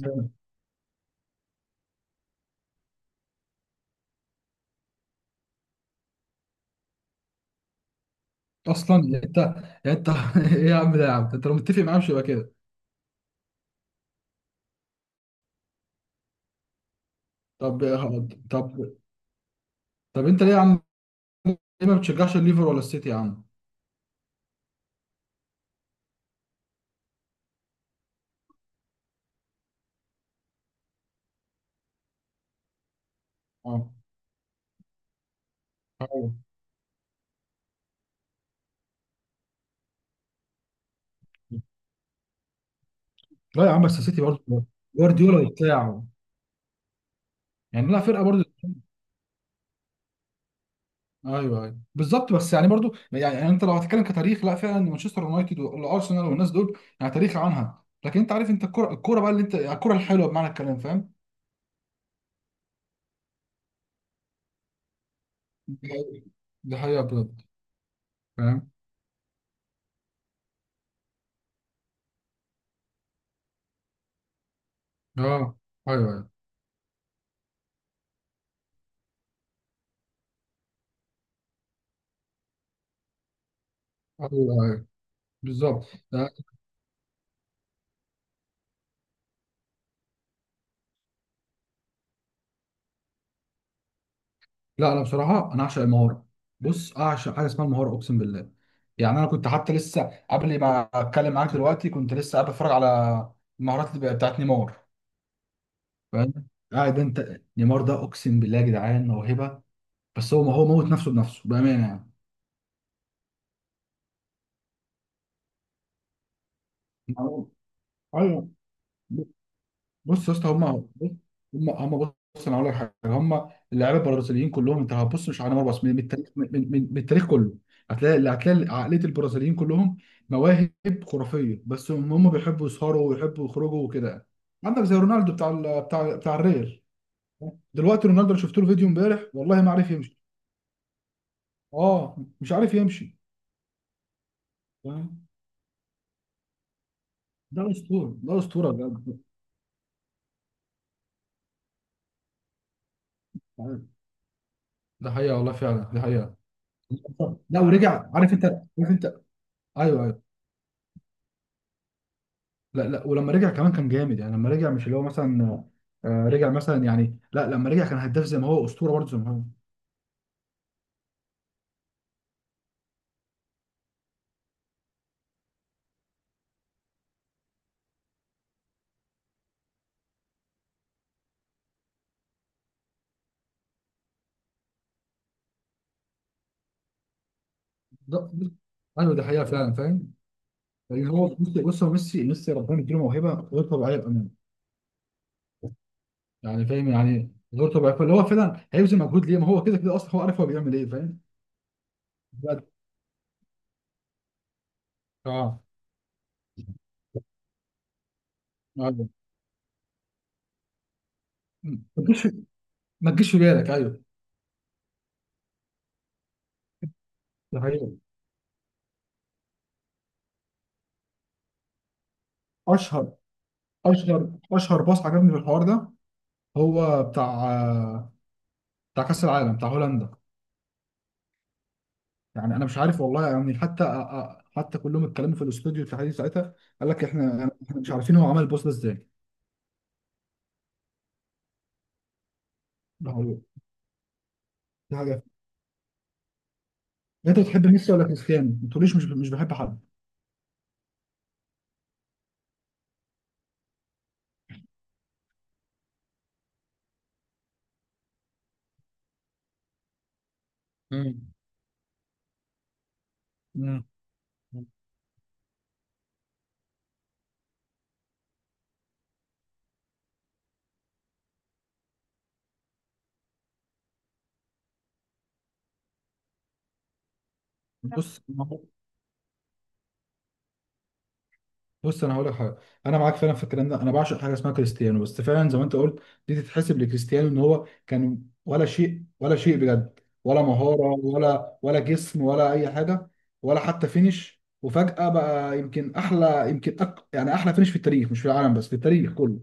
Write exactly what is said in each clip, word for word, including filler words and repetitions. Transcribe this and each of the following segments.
جامد. اصلا يعني انت يعني انت ايه يا عم، ده يا عم انت لو متفق معاه مش يبقى كده؟ طب، طب، طب انت ليه يا عم؟ ليه ما بتشجعش الليفر ولا السيتي يا عم؟ اه، أيوة. لا يا عم، بس السيتي برضه جوارديولا وبتاعه. يعني لا، فرقه برضه. ايوه ايوه بالظبط، بس يعني برضه يعني, يعني انت لو هتتكلم كتاريخ، لا فعلا مانشستر يونايتد والارسنال والناس دول يعني تاريخ عنها، لكن انت عارف انت الكوره الكوره بقى اللي انت الكوره الحلوه بمعنى الكلام، فاهم؟ دي حقيقه، دي حقيقة بجد. فاهم. اه، ايوه ايوه ايوه أيوه. بالظبط. لا، لا، انا بصراحه انا اعشق المهاره. بص اعشق حاجه اسمها المهاره، اقسم بالله. يعني انا كنت حتى لسه قبل ما اتكلم معاك دلوقتي كنت لسه قاعد بتفرج على المهارات اللي بتاعت نيمار، فاهم؟ قاعد انت، نيمار ده اقسم بالله يا جدعان موهبه، بس هو ما هو موت نفسه بنفسه بامانه يعني. ايوه. بص يا اسطى، هم، هم، هم. بص انا هقول لك حاجه، هم اللعيبه البرازيليين كلهم، انت هتبص مش على نيمار بس، من من التاريخ، من من من من التاريخ كله، هتلاقي اللي هتلاقي عقليه البرازيليين كلهم مواهب خرافيه، بس هم هم بيحبوا يسهروا ويحبوا يخرجوا وكده. عندك زي رونالدو بتاع ال- بتاع بتاع الريال. دلوقتي رونالدو اللي شفت له فيديو امبارح والله ما عارف يمشي، اه مش عارف يمشي، فاهم؟ ده اسطوره، ده اسطوره بجد. ده حقيقه والله فعلا، ده حقيقه. لا ورجع، عارف انت، عارف انت. ايوه. لا لا، ولما رجع كمان كان جامد، يعني لما رجع مش اللي هو مثلا، آه، رجع مثلا يعني، لا لما رجع كان هداف زي ما هو اسطوره برضه زي ما هو. ده ده- ايوه دي حقيقه فعلا، فاهم. لان هو بص، بص هو ميسي ميسي ربنا يديله موهبه غير طبيعيه بامانه. يعني فاهم يعني غير طبيعيه، فاللي هو فعلا هيبذل مجهود ليه؟ ما هو كده كده اصلا هو عارف هو بيعمل ايه، فاهم. بجد. اه، أيوة. ما تجيش، ما تجيش في بالك، ايوه. ده حقيقي. اشهر، اشهر، اشهر باص عجبني في الحوار ده هو بتاع، آه، بتاع كاس العالم بتاع هولندا. يعني انا مش عارف والله، يعني حتى حتى كلهم اتكلموا في الاستوديو التحليلي ساعتها، قال لك احنا احنا مش عارفين هو عمل البوست ده ازاي. ده هو. دي حاجه. انت بتحب ميسي ولا كريستيانو؟ ما تقوليش مش مش بحب حد. مم. مم. بص، بص انا هقول لك حاجه، انا معاك فعلا في الكلام ده، انا بعشق حاجه اسمها كريستيانو بس فعلا زي ما انت قلت. دي تتحسب لكريستيانو ان هو كان ولا شيء، ولا شيء بجد، ولا مهاره، ولا ولا جسم، ولا اي حاجه، ولا حتى فينش، وفجاه بقى يمكن احلى يمكن أك... يعني احلى فينش في التاريخ، مش في العالم بس، في التاريخ كله،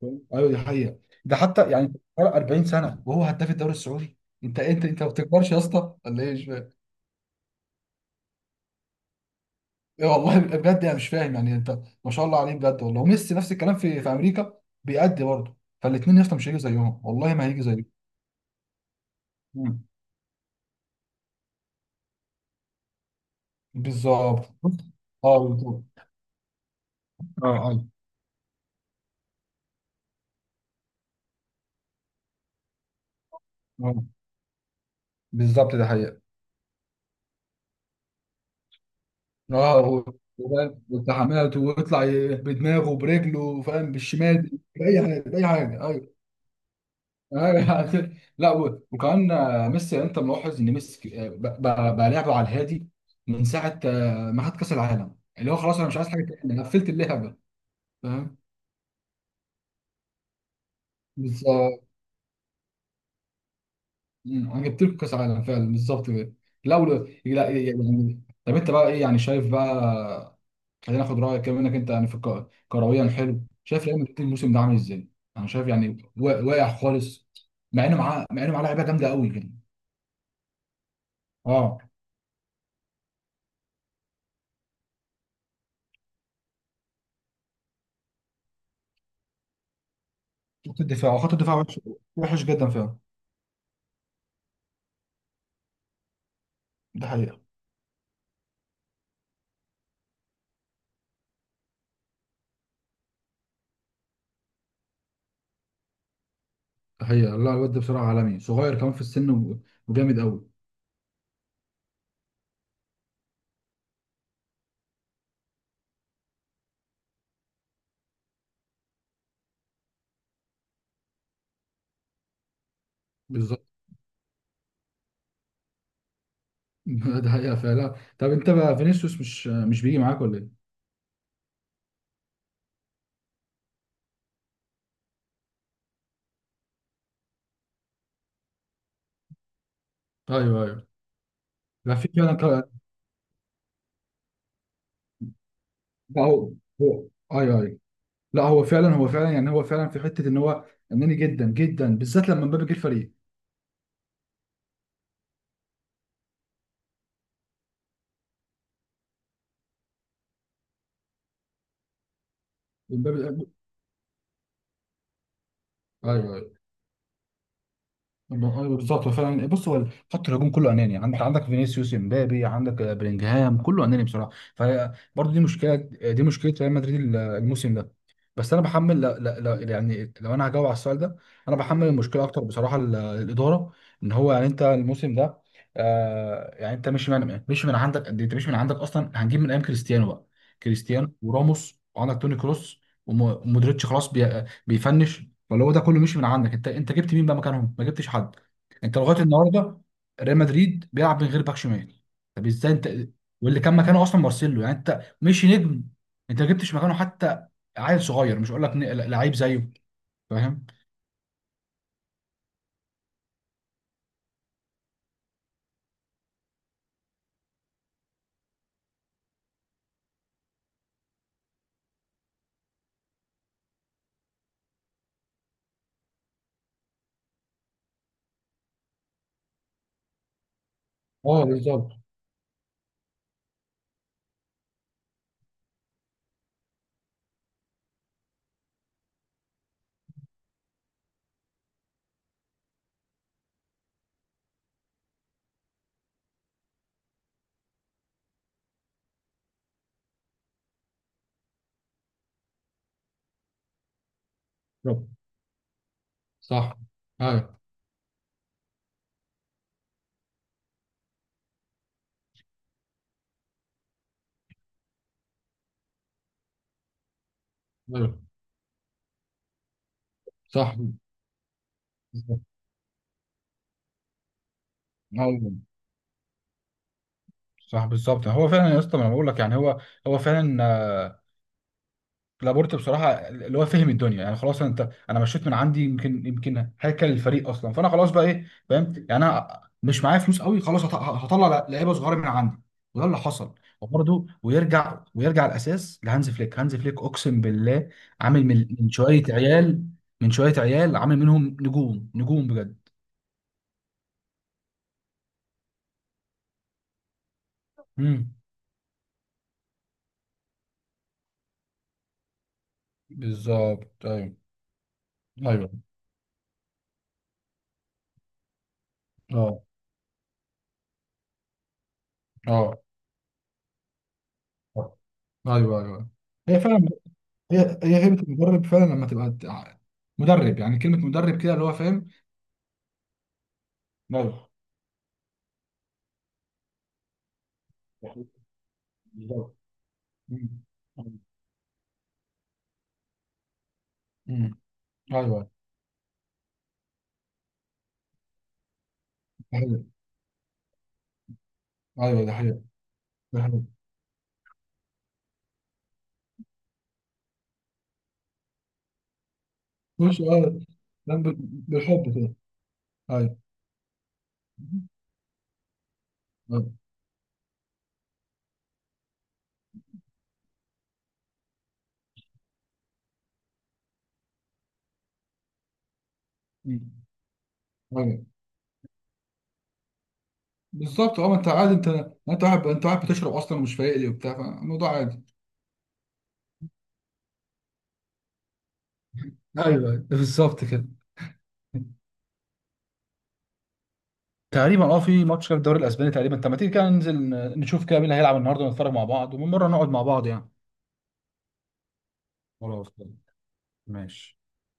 فاهم؟ ايوه دي حقيقه. ده حتى يعني فرق اربعين سنه وهو هداف الدوري السعودي. انت انت انت ما بتكبرش يا اسطى ولا ايه؟ مش، إيه والله بجد، انا مش فاهم يعني انت، ما شاء الله عليه بجد والله. وميسي نفس الكلام في في امريكا بيأدي برضه، فالاثنين يا اسطى مش هيجوا زيهم، والله ما هيجي زيهم. مم. بالظبط. اه، بالظبط. اه، ايوه. آه، بالظبط ده حقيقة. اه، هو- وفاهم والتحامات، ويطلع ي- بدماغه برجله، فاهم، بالشمال بأي حاجة بأي حاجة، أيوة. آه، لا و- وكمان، آه، ميسي، يعني انت ملاحظ ان ميسي آه، بقى بقى لعبه على الهادي من ساعه آه، ما خد كاس العالم، اللي هو خلاص انا مش عايز حاجه تاني، انا قفلت اللعبه، فاهم. بالظبط. مم، انا جبت لكم كاس عالم فعلا، بالظبط كده. لا ول- لا يعني، طب انت بقى ايه يعني؟ شايف بقى، خلينا ناخد رايك كمان انك انت يعني في الك- كرويا حلو، شايف ريال مدريد الموسم ده عامل ازاي؟ انا شايف يعني وا- واقع خالص، مع انه معاه مع انه معاه لعيبه جامده قوي يعني. اه، خط الدفاع، خط الدفاع وحش، وحش جدا فعلا. ده حقيقة. ده حقيقة، لا الواد ده بصراحة عالمي، صغير كمان في السن و- وجامد قوي. بالظبط. ده حقيقة فعلا، طب انت بقى فينيسيوس مش مش بيجي معاك ولا ايه؟ ايوه ايوه. لا في فعلا ك- لا هو، هو ايوه ايوه، لا هو فعلا هو فعلا يعني هو فعلا في حتة ان هو اناني جدا جدا، بالذات لما مبابي جه الفريق. مبابي. ايوه ايوه ايوه، بالظبط هو فعلا، بص هو خط الهجوم كله اناني، انت عندك فينيسيوس، امبابي، عندك بلينجهام، كله اناني بصراحه. فبرضه دي مشكله، دي مشكله ريال مدريد الموسم ده. بس انا بحمل، لا لا لا، يعني لو انا هجاوب على السؤال ده، انا بحمل المشكله اكتر بصراحه ال- الاداره. ان هو يعني انت الموسم ده، آه يعني انت مش من مش من عندك، قد إيه؟ انت مش من عندك اصلا، هنجيب من ايام كريستيانو بقى، كريستيانو وراموس، وعندك توني كروس وم- ومودريتش، خلاص بي- بيفنش. فاللي هو ده كله مش من عندك. انت انت جبت مين بقى مكانهم؟ ما جبتش حد. انت لغايه مم، النهارده ريال مدريد بيلعب من غير باك شمال، طب ازاي انت؟ واللي كان مكانه اصلا مارسيلو، يعني انت مش نجم، انت ما جبتش مكانه حتى، عيل صغير، مش هقول لك ن- لعيب زيه، فاهم. اه بالظبط. بالظبط. صح. ايوه ايوه. صح. بالظبط. أيوة. صح بالظبط. هو فعلا يا اسطى، ما انا بقول لك يعني هو، هو فعلا لابورت بصراحه اللي هو فهم الدنيا، يعني خلاص انت، انا مشيت من عندي يمكن، يمكن هيكل الفريق اصلا، فانا خلاص بقى ايه فاهم، يعني انا مش معايا فلوس قوي خلاص، هط- هطلع لع- لعيبه صغيره من عندي، وده اللي حصل. وبرده ويرجع ويرجع الاساس لهانز فليك. هانز فليك اقسم بالله عامل من من شويه عيال، من شويه عيال عامل منهم نجوم، نجوم بجد. امم. بالظبط. ايوه ايوه. اه، اه ايوه ايوه. هي فعلا هي، هي هيبة المدرب فعلا لما تبقى تع- مدرب، يعني كلمة مدرب كده اللي هو فاهم. ايوه بالظبط. مم. مم. ايوه ده حقيقي، ايوه ده حقيقي. ده حقيقي، مش اه لم- بالحب كده. ايوه ايوه. مم. أيوة. بالظبط، اه ما انت عادي انت، انت واحد انت واحد بتشرب اصلا ومش فايق لي وبتاع، فالموضوع عادي. ايوه، أيوة، بالظبط كده. تقريبا اه في ماتش كده في الدوري الاسباني تقريبا، طب ما تيجي كده ننزل نشوف كده مين اللي هيلعب النهارده ونتفرج مع بعض، ومن مره نقعد مع بعض يعني. خلاص طيب. ماشي